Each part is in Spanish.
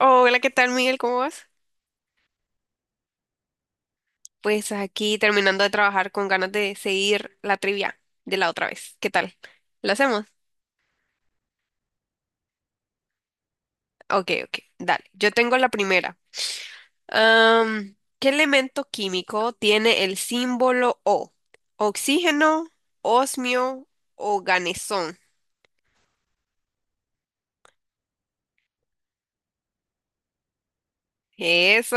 Hola, ¿qué tal, Miguel? ¿Cómo vas? Pues aquí terminando de trabajar con ganas de seguir la trivia de la otra vez. ¿Qué tal? ¿Lo hacemos? Ok, ok, dale. Yo tengo la primera. ¿Qué elemento químico tiene el símbolo O? ¿Oxígeno, osmio o ganesón? Eso,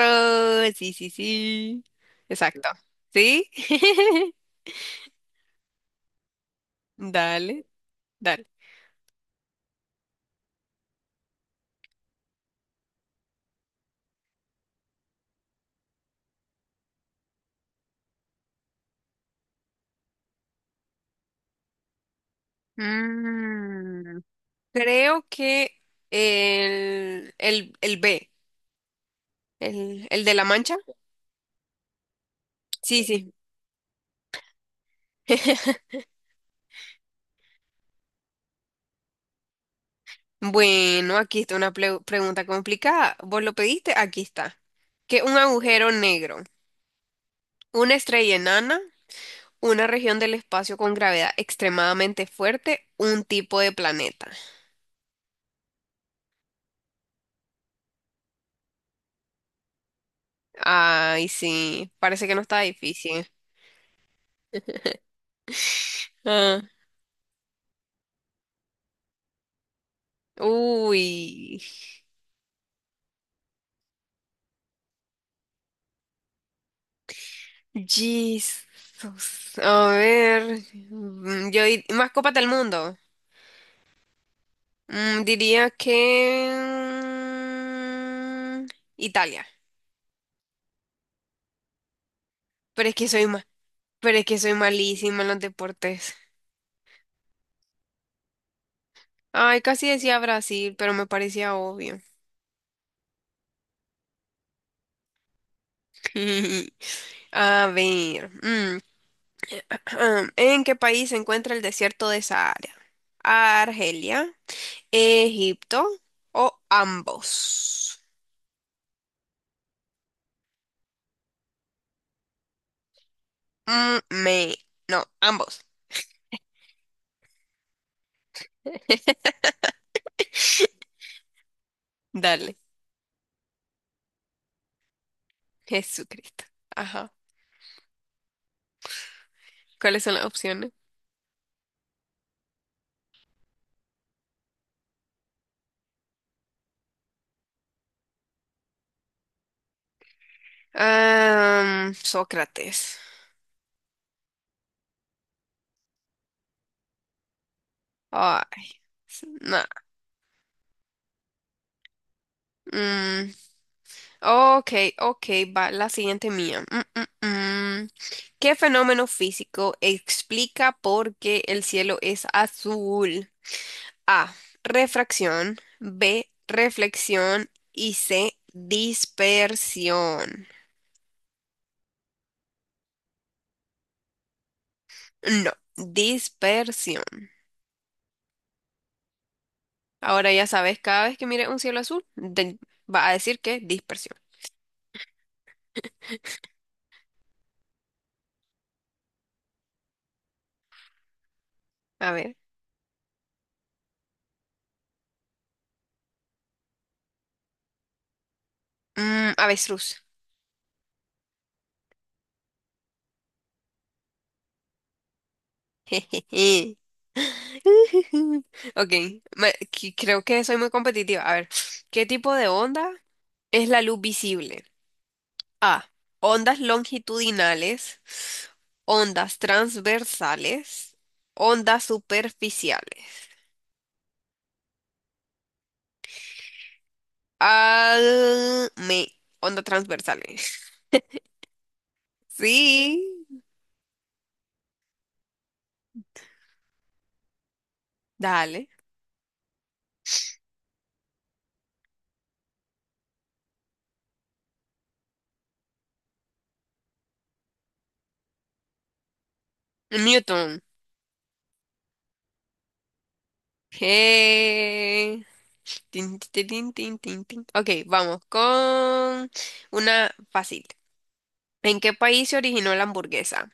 sí, sí, sí. Exacto. ¿Sí? Dale, dale. Mm, Creo que el B, el de la Mancha. Sí, sí. Bueno, aquí está una pregunta complicada. ¿Vos lo pediste? Aquí está. Que un agujero negro, una estrella enana, una región del espacio con gravedad extremadamente fuerte, un tipo de planeta. Ay, sí, parece que no está difícil. Ah, uy, Jesus. A ver, mascota del mundo. Diría que mm, Italia, pero es que soy malísima en los deportes. Ay, casi decía Brasil, pero me parecía obvio. A ver, ¿en qué país se encuentra el desierto de Sahara? ¿Argelia, Egipto o ambos? Mm, me, no, ambos. Dale, Jesucristo. Ajá. ¿Cuáles son las opciones? Ah, Sócrates. Ay, nah. Mm, ok, ok, va la siguiente mía. Mm. ¿Qué fenómeno físico explica por qué el cielo es azul? A. Refracción. B. Reflexión. Y C. Dispersión. No, dispersión. Ahora ya sabes, cada vez que mires un cielo azul, va a decir que dispersión. A ver. Avestruz. Ok, creo que soy muy competitiva. A ver, ¿qué tipo de onda es la luz visible? A. Ondas longitudinales, ondas transversales, ondas superficiales. Ah, me, Ondas transversales. Sí, dale. Newton. Eh, Tin, tin, tin, tin, tin, tin. Ok, vamos con una fácil. ¿En qué país se originó la hamburguesa?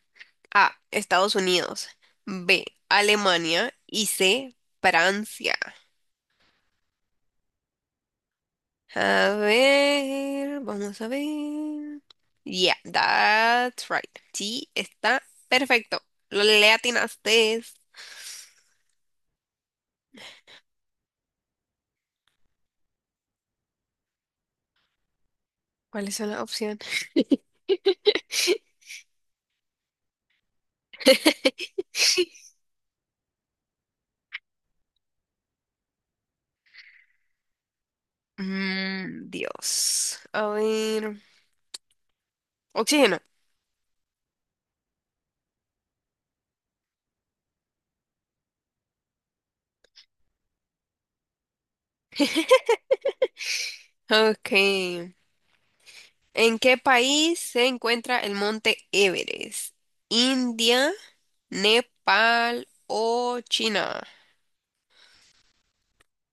A. Estados Unidos. B. Alemania. Y C. Francia. A ver, vamos a ver. Yeah, that's right. Sí, está perfecto. Lo le atinaste. ¿Cuáles son las opciones? Dios. A ver. Oxígeno. Ok. ¿En qué país se encuentra el monte Everest? ¿India, Nepal o China?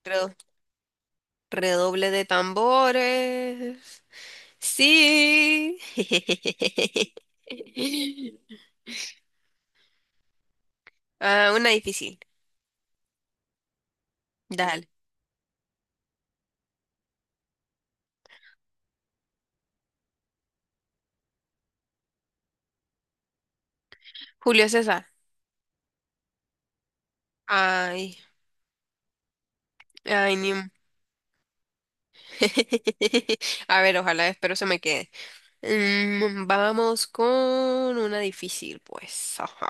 Redo- Redoble de tambores. Sí. Ah, una difícil. Dale. Julio César. Ay, ay, ni... un- A ver, ojalá, espero se me quede. Vamos con una difícil, pues. Ajá.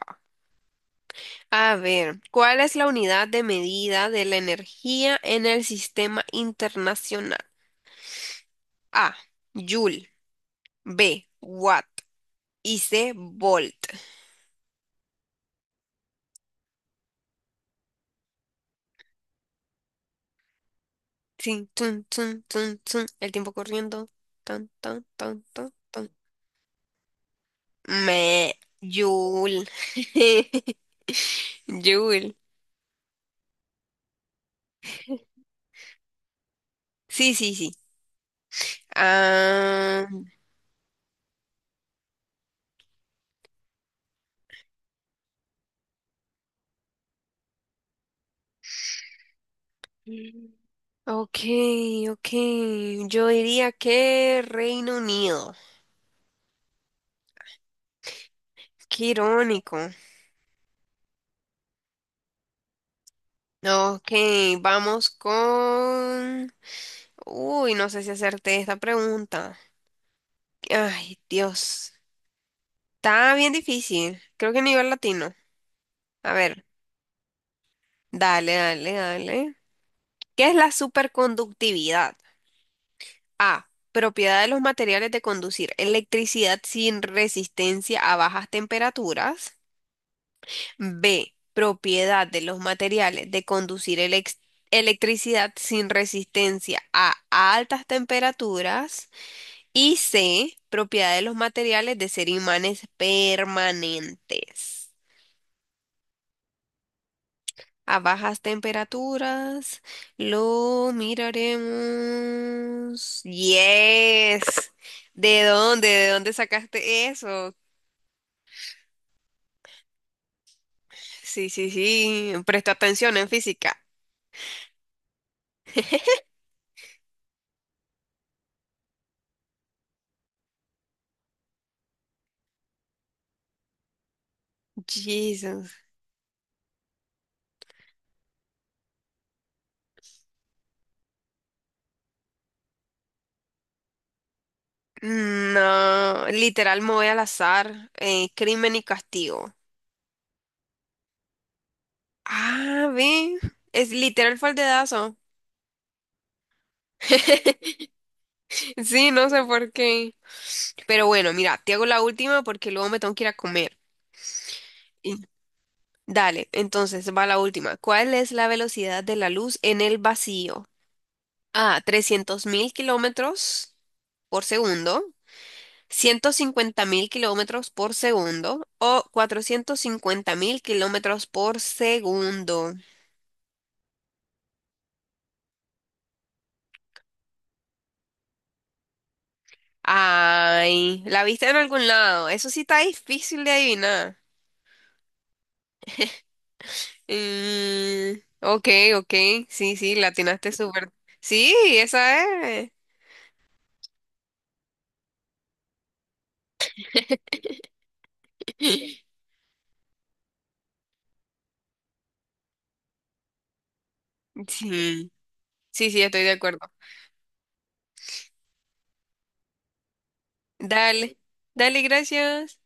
A ver, ¿cuál es la unidad de medida de la energía en el sistema internacional? A, Joule, B, Watt y C, Volt. Tin, tun, tun, tun, tun. El tiempo corriendo. Tan, tan, tan, tan, tan. Me, Joule. Joule. Sí, sí, sí. Ah, ok, ok, yo diría que Reino Unido. Qué irónico. Ok, vamos con... Uy, no sé si hacerte esta pregunta. Ay, Dios. Está bien difícil. Creo que nivel latino. A ver, dale, dale, dale. ¿Qué es la superconductividad? A. Propiedad de los materiales de conducir electricidad sin resistencia a bajas temperaturas. B. Propiedad de los materiales de conducir electricidad sin resistencia a altas temperaturas. Y C, propiedad de los materiales de ser imanes permanentes. A bajas temperaturas lo miraremos. Yes. ¿De dónde? ¿De dónde sacaste eso? Sí, sí, sí. Presta atención en física. Jesus. No, literal me voy al azar. Crimen y Castigo. Ah, ve. Es literal fue el dedazo. Sí, no sé por qué. Pero bueno, mira, te hago la última porque luego me tengo que ir a comer. Y- Dale, entonces va la última. ¿Cuál es la velocidad de la luz en el vacío? A, 300.000 kilómetros por segundo, 150.000 kilómetros por segundo o 450.000 kilómetros por segundo. Ay, la viste en algún lado. Eso sí está difícil de adivinar. Mm, ok, ok, sí, sí, la atinaste súper. Sí, esa es. Sí, sí, sí, estoy de acuerdo. Dale, dale, gracias.